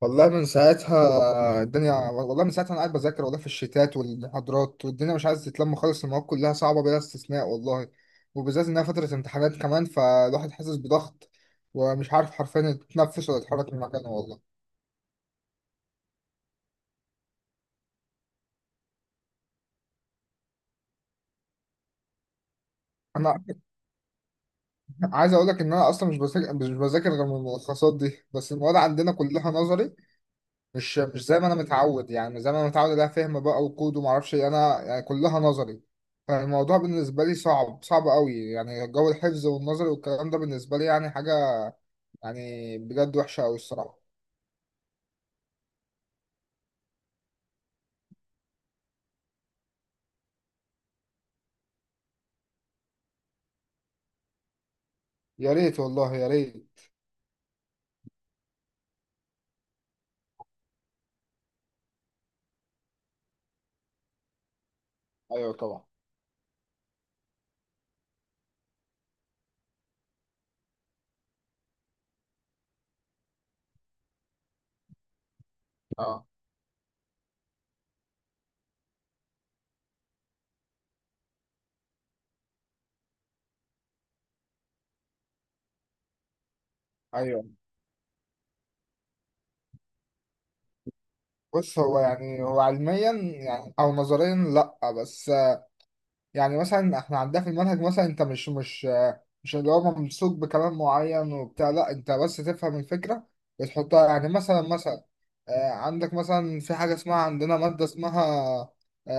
والله من ساعتها انا قاعد بذاكر والله في الشتات والمحاضرات، والدنيا مش عايز تتلم خالص، المواد كلها صعبه بلا استثناء والله. وبالذات انها فتره امتحانات كمان، فالواحد حاسس بضغط، ومش عارف حرفيا يتنفس ولا يتحرك من مكانه والله. انا عايز اقول لك ان انا اصلا مش بذاكر غير من الملخصات دي، بس المواد عندنا كلها نظري. مش زي ما انا متعود، يعني مش زي ما انا متعود عليها فهم بقى وكود وما اعرفش إيه، انا يعني كلها نظري. فالموضوع بالنسبه لي صعب صعب قوي، يعني جو الحفظ والنظري والكلام ده بالنسبه لي يعني حاجه يعني بجد وحشه قوي الصراحه. يا ريت والله يا ريت. ايوه طبعا. اه ايوه. بص هو يعني هو علميا يعني او نظريا لا، بس يعني مثلا احنا عندنا في المنهج، مثلا انت مش اللي هو ممسوك بكلام معين وبتاع، لا انت بس تفهم الفكرة وتحطها، يعني مثلا عندك مثلا في حاجة اسمها، عندنا مادة اسمها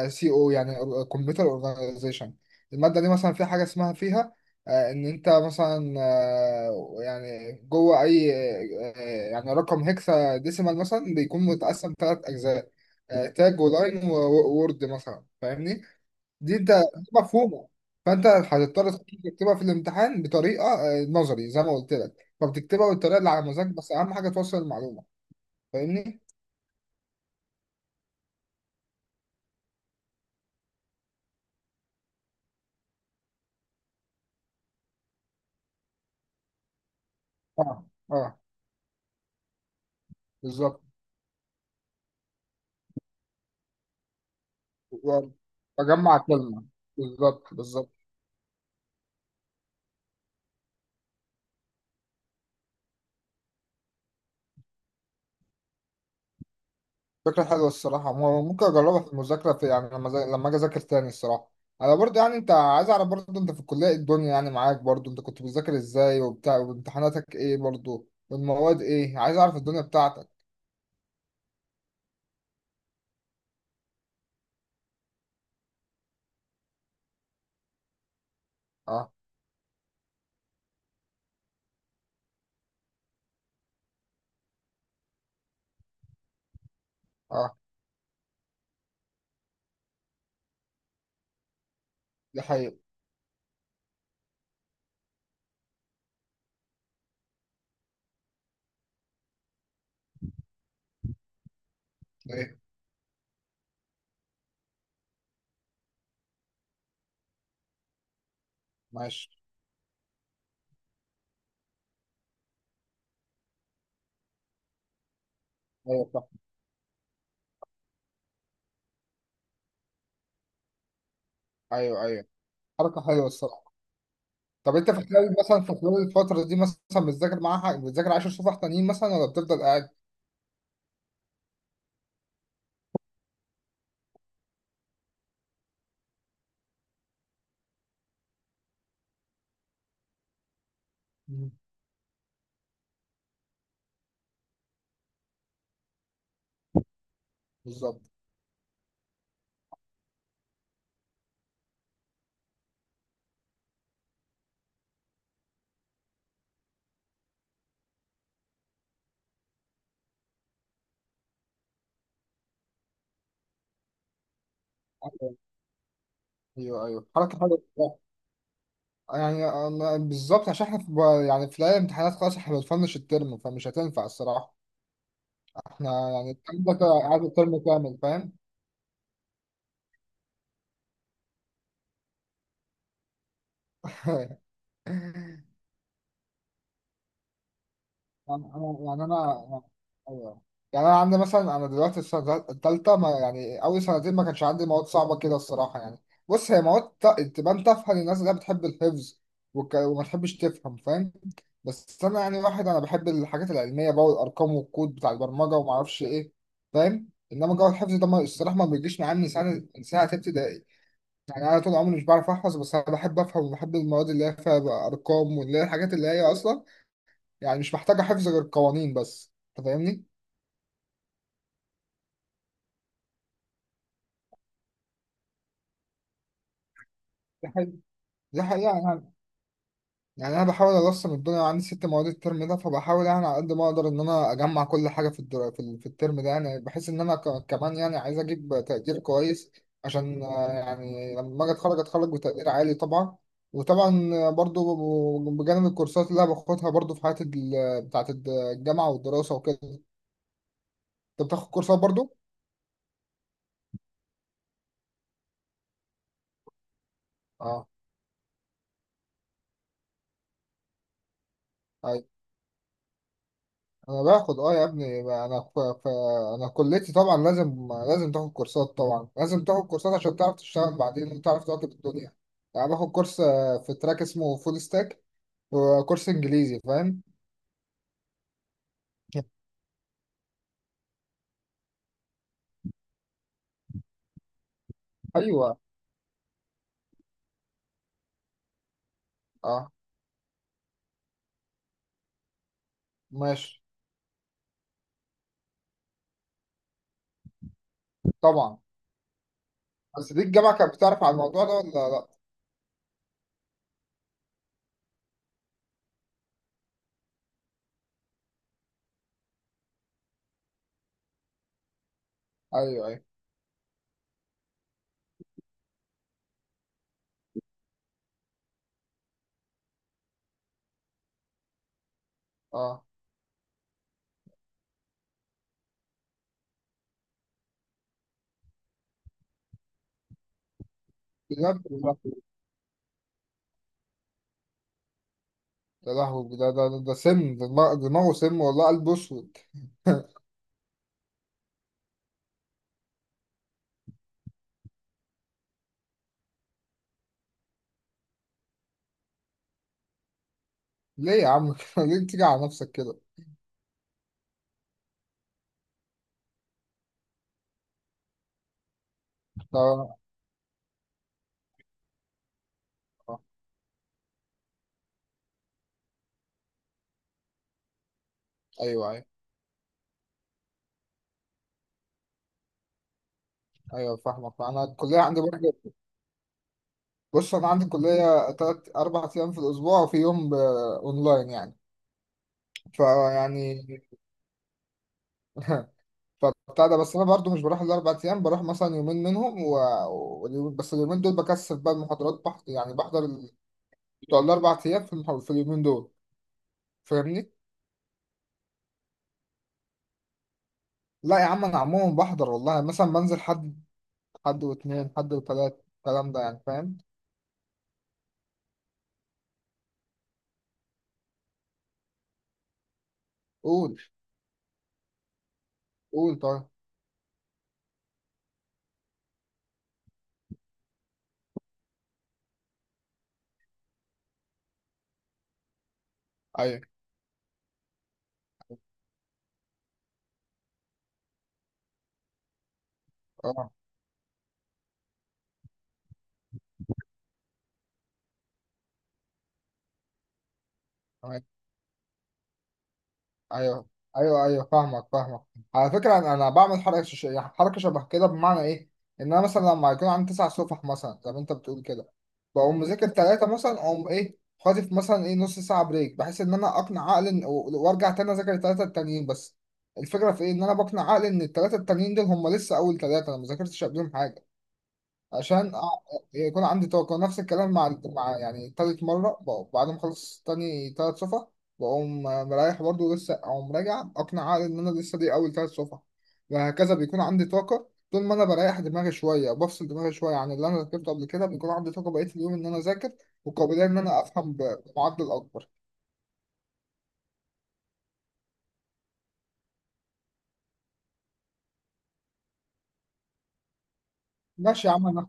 سي او، يعني كمبيوتر اورجانيزيشن. المادة دي مثلا في حاجة اسمها فيها، ان انت مثلا يعني جوه اي يعني رقم هكسا ديسيمال مثلا بيكون متقسم ثلاث اجزاء، تاج ولاين وورد مثلا، فاهمني؟ دي انت دي مفهومه. فانت هتضطر تكتبها في الامتحان بطريقه نظري زي ما قلت لك، فبتكتبها بالطريقه اللي على مزاجك، بس اهم حاجه توصل المعلومه. فاهمني؟ اه اه. بالظبط. و- بجمع كلمه. بالظبط بالظبط. فكره حلوه الصراحه، ممكن اجربها في المذاكره، في يعني لما اجي اذاكر تاني الصراحه. انا برضه، يعني انت عايز اعرف برضه انت في الكليه إيه الدنيا يعني معاك، برضه انت كنت بتذاكر ازاي وبتاع، وامتحاناتك ايه برضه، والمواد ايه، عايز اعرف الدنيا بتاعتك. اه. اه. دي حقيقة. ماشي. ايوه صح. ايوه ايوه. حركه حلوه الصراحه. طب انت في خلال مثلا في خلال الفتره دي مثلا بتذاكر معاها، بتذاكر 10 صفح تانيين مثلا، ولا بتفضل قاعد؟ مم. بالظبط. ايوه ايوه أيوة. حركه حلوه الصراحة. بالظبط، عشان احنا في، يعني في ليالي الامتحانات خلاص احنا بنفنش الترم، فمش هتنفع الصراحه. احنا يعني الترم ده قاعد الترم كامل فاهم. يعني انا ايوه. يعني انا عندي مثلا انا دلوقتي السنه الثالثه، ما يعني اول سنتين ما كانش عندي مواد صعبه كده الصراحه يعني. بص هي مواد تبان تافهه للناس اللي هي بتحب الحفظ وما تحبش تفهم فاهم. بس انا يعني واحد انا بحب الحاجات العلميه بقى والارقام والكود بتاع البرمجه وما اعرفش ايه فاهم، انما جو الحفظ ده ما الصراحه ما بيجيش معايا من سنه من ساعه ابتدائي. يعني انا طول عمري مش بعرف احفظ، بس انا بحب افهم وبحب المواد اللي هي فيها بقى ارقام، واللي هي الحاجات اللي هي اصلا يعني مش محتاجة حفظ غير القوانين بس. انت فاهمني؟ ده حقيقي. دي حقيقة يعني. يعني أنا بحاول أرسم الدنيا، عندي ست مواد الترم ده، فبحاول يعني على قد ما أقدر إن أنا أجمع كل حاجة في في الترم ده، يعني بحيث إن أنا كمان يعني عايز أجيب تقدير كويس، عشان يعني لما أجي أتخرج أتخرج بتقدير عالي طبعا. وطبعا برضو بجانب الكورسات اللي أنا باخدها برضو في حياتي بتاعت الجامعة والدراسة وكده. أنت بتاخد كورسات برضو؟ اه انا باخد اه، يا ابني انا انا كليتي طبعا لازم، لازم تاخد كورسات، طبعا لازم تاخد كورسات عشان تعرف تشتغل بعدين وتعرف تواكب الدنيا. يعني باخد كورس في تراك اسمه فول ستاك، وكورس انجليزي فاهم. ايوه اه. ماشي طبعا. بس دي الجامعه كانت بتعرف على الموضوع ده ولا لا؟ ايوه ايوه. اه بجد والله. يا لهوي، ده سم، ده دماغه سم والله، قلبه اسود. ليه يا عم كده؟ ليه تيجي على نفسك كده؟ ده- آه، ايوه ايوه. ايوه فاهمك. انا الكليه عندي برضه، بص انا عندي كليه تلات اربع ايام في الاسبوع، وفي يوم اونلاين يعني، فيعني فبتاع ده. بس انا برضه مش بروح الاربع ايام، بروح مثلا يومين منهم و... و... بس اليومين دول بكثف بقى المحاضرات يعني بحضر بتوع الاربع ايام في اليومين دول. فاهمني؟ لا يا عم انا عموما بحضر والله، مثلا بنزل حد، حد واثنين، حد وثلاث، الكلام ده يعني فاهم؟ قول. قول. طيب. ايوه اه. ايوه ايوه ايوه فاهمك فاهمك. على فكره أنا بعمل حركه يعني حركه شبه كده، بمعنى ايه، ان انا مثلا لما يكون عندي تسع صفح مثلا زي ما انت بتقول كده، بقوم مذاكر ثلاثه مثلا، اقوم ايه خاطف مثلا ايه نص ساعه بريك، بحيث ان انا اقنع عقلي وارجع تاني اذاكر الثلاثه التانيين بس. الفكره في ايه، ان انا بقنع عقلي ان الثلاثه التانيين دول هم لسه اول ثلاثه انا ما ذاكرتش قبلهم حاجه. عشان يكون عندي طاقة. نفس الكلام مع يعني تالت مرة، بقوم بعد ما أخلص تاني تلات صفح، بقوم مريح برضه لسه، أقوم راجع أقنع عقلي إن أنا لسه دي أول تلات صفح. وهكذا بيكون عندي طاقة طول ما أنا بريح دماغي شوية وبفصل دماغي شوية عن اللي أنا ذاكرته قبل كده، بيكون عندي طاقة بقية اليوم إن أنا أذاكر وقابلية إن أنا أفهم بمعدل أكبر. ماشي يا عم. أنا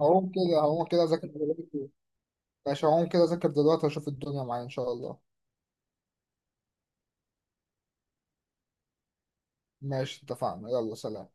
هقوم كده أذاكر دلوقتي. ماشي هقوم كده أذاكر دلوقتي وأشوف الدنيا معايا إن شاء الله. ماشي اتفقنا. يلا سلام.